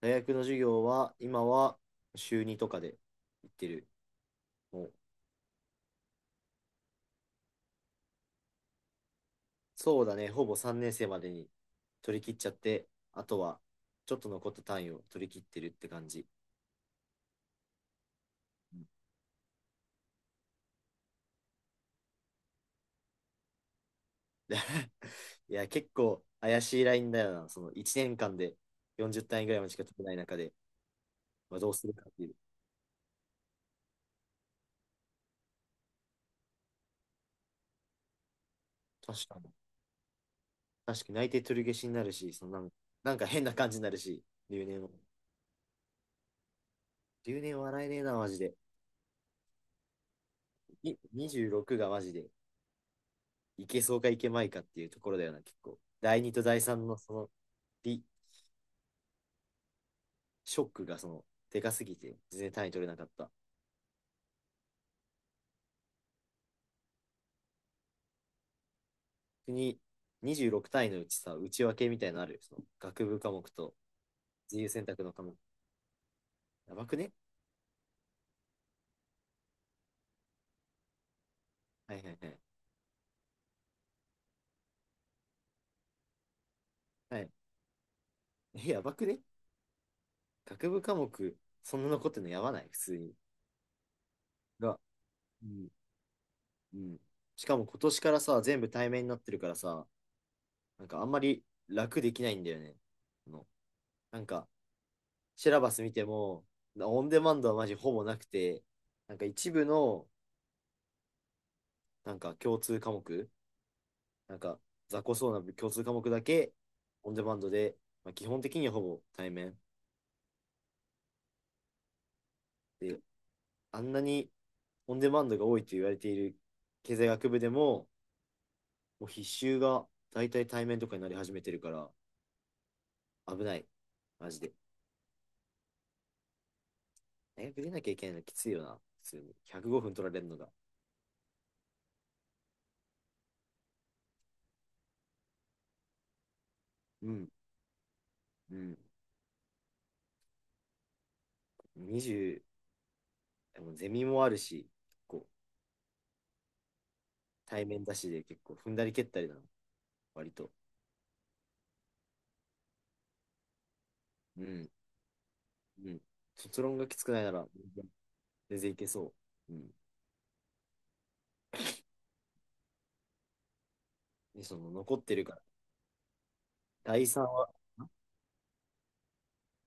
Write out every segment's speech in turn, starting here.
大学の授業は今は週2とかで行ってる。もうそうだね、ほぼ3年生までに取り切っちゃって、あとはちょっと残った単位を取り切ってるって感じ。うん。 いや、結構怪しいラインだよな。その1年間で40単位ぐらいまでしか取れない中で、まあ、どうするかっていう。確かに。確かに内定取り消しになるし、そのなんか変な感じになるし、留年も留年笑えねえな、マジで。26がマジでいけそうかいけまいかっていうところだよな、結構。第2と第3のそのリショックがそのでかすぎて、全然単位取れなかった。国26単位のうちさ、内訳みたいなのあるよ。その学部科目と自由選択の科目。やばくね？はいはいはい。はい、やばくね？学部科目、そんな残ってんのやばない？普通に。が、うん、うん。しかも今年からさ、全部対面になってるからさ、なんかあんまり楽できないんだよね。あの、なんか、シラバス見ても、オンデマンドはマジほぼなくて、なんか一部の、なんか共通科目、なんか雑魚そうな共通科目だけ、オンデマンドで、まあ、基本的にはほぼ対面。で、あんなにオンデマンドが多いと言われている経済学部でも、もう必修が大体対面とかになり始めてるから、危ない。マジで。大学出なきゃいけないのきついよな。普通に。105分取られるのが。うん。うん。20、でもゼミもあるし、こう、対面だしで結構踏んだり蹴ったりだな、割と。うん。うん。卒論がきつくないなら、全然いけそう。うん。で、その残ってるから、第3は、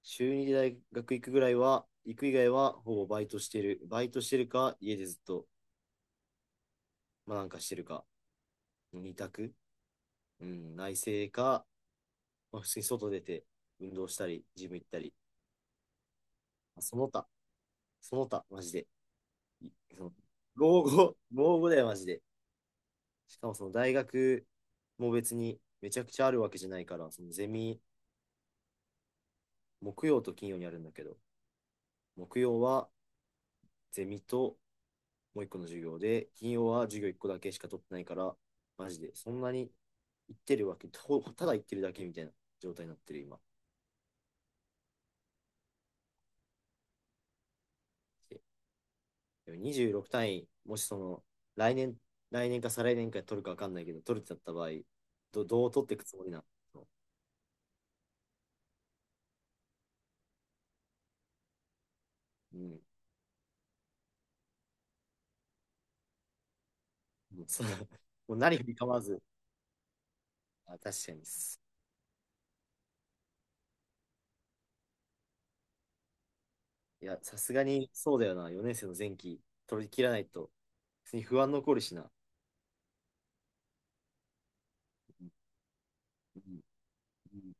週2で大学行くぐらいは、行く以外はほぼバイトしてる。バイトしてるか、家でずっと、まあなんかしてるか、2択。うん、内政か、まあ、普通に外出て、運動したり、ジム行ったり、まあその他、その他、マジで。いその老後だよ、マジで。しかもその大学も別にめちゃくちゃあるわけじゃないから、そのゼミ、木曜と金曜にあるんだけど、木曜はゼミともう一個の授業で、金曜は授業一個だけしか取ってないから、マジでそんなに行ってるわけ、ただ行ってるだけみたいな状態になってる今。で26単位、もしその来年、来年か再来年か取るか分かんないけど、取るってなった場合、どう取っていくつもりなの？うん。もう何振りかまわず、あ、確かに。いや、さすがにそうだよな。4年生の前期取り切らないと、普通に不安残るしな。うん。うん。うん。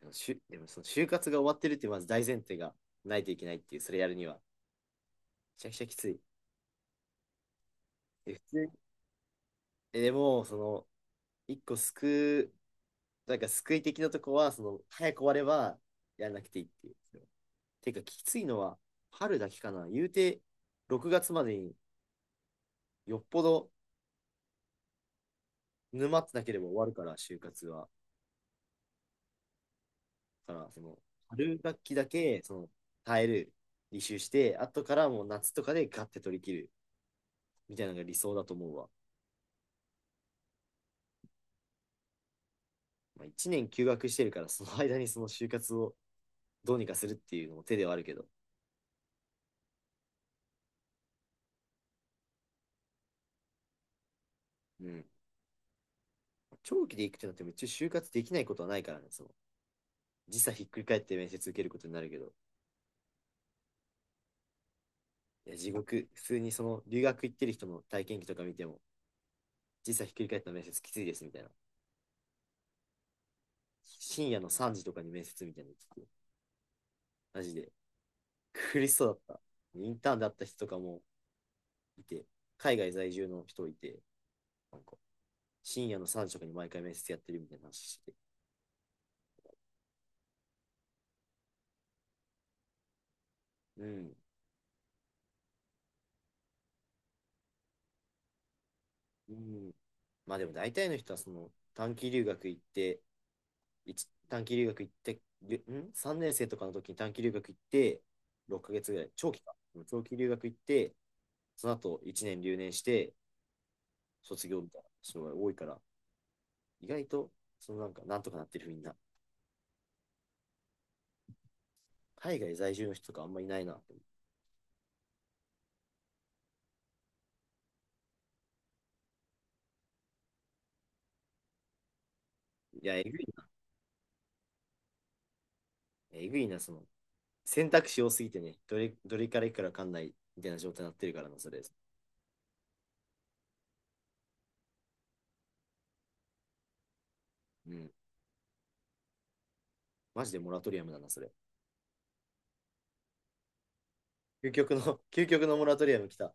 でもその就活が終わってるっていうまず大前提がないといけないっていう、それやるには。めちゃくちゃきつい。で、普通に、でも、その、一個救う、なんか救い的なとこは、その、早く終わればやらなくていいっていう。てか、きついのは春だけかな。言うて、6月までによっぽど沼ってなければ終わるから、就活は。から、その、春学期だけ、その、耐える、履修して、後からもう夏とかでガッて取り切る、みたいなのが理想だと思うわ。まあ、1年休学してるから、その間にその就活をどうにかするっていうのも手ではあるけど、うん。長期で行くってなっても一応就活できないことはないからね、その、時差ひっくり返って面接受けることになるけど、いや、地獄、普通にその、留学行ってる人の体験記とか見ても、時差ひっくり返った面接きついですみたいな。深夜の3時とかに面接みたいなの聞く。マジで。苦しそうだった。インターンで会った人とかもいて、海外在住の人いて、なんか深夜の3食に毎回面接やってるみたいな話して。うん。うん、まあでも大体の人はその短期留学行って、短期留学行って、?3 年生とかの時に短期留学行って、6ヶ月ぐらい、長期か。長期留学行って、その後1年留年して、卒業みたいな人が多いから、意外と、そのなんか、なんとかなってるみんな。海外在住の人とかあんまいないなって。いや、えぐいな、その、選択肢多すぎてね、どれからいくかわかんないみたいな状態になってるからな、それ。うん。マジでモラトリアムだな、それ。究極の、究極のモラトリアム来た。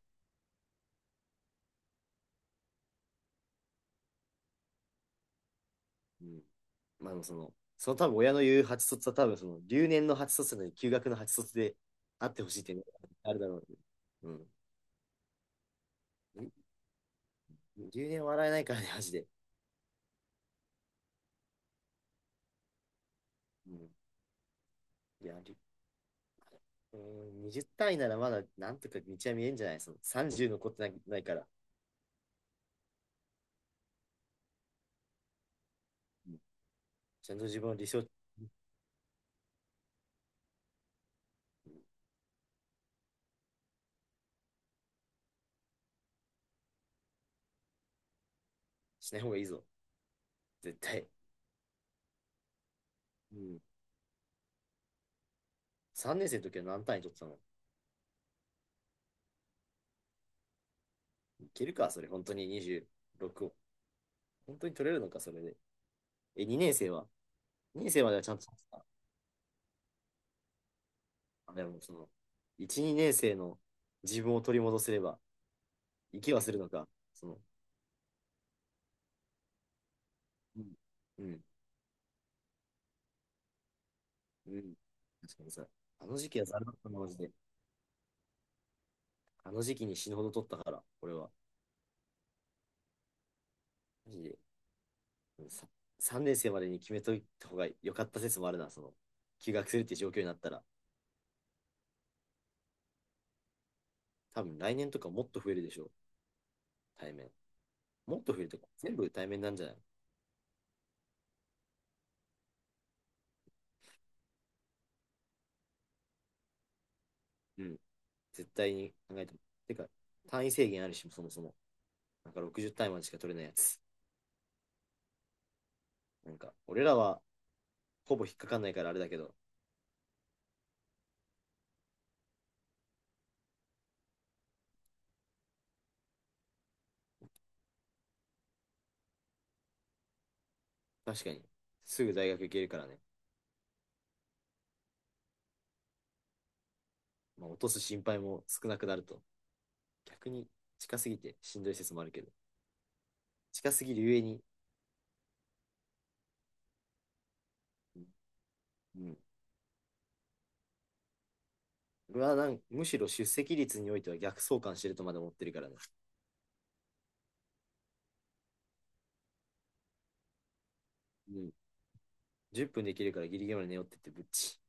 うん。まあ、その、その多分親の言う8卒は多分その、留年の8卒なのに休学の8卒であってほしいってね、あるだろう、ね。うん。留年笑えないからね、マジで。うん。いや、うん、20単位ならまだなんとか道は見えんじゃない？その ?30 残ってないから、うん、ちゃんと自分を理想しない方がいいぞ、絶対。うん、3年生の時は何単位取ってたの？いけるか、それ、本当に26を。本当に取れるのか、それで。え、2年生は ?2 年生まではちゃんと取ってた。あ、でも、その、1、2年生の自分を取り戻せれば、生きはするのか、その、うん、うん、うん。確かにさ、あの時期はざるだったなマジで。あの時期に死ぬほど取ったから、俺は。マジで。3年生までに決めといた方が良かった説もあるな、その、休学するって状況になったら。多分来年とかもっと増えるでしょ、対面。もっと増えるとか、全部対面なんじゃない？うん。絶対に考えても。てか、単位制限あるし、そもそも。なんか60単位までしか取れないやつ。なんか、俺らはほぼ引っかかんないからあれだけど、確かに、すぐ大学行けるからね。まあ、落とす心配も少なくなると。逆に近すぎてしんどい説もあるけど、近すぎるゆえに、うん。俺はむしろ出席率においては逆相関してるとまで思ってるからね。うん。10分できるからギリギリまで寝よって言ってぶっち。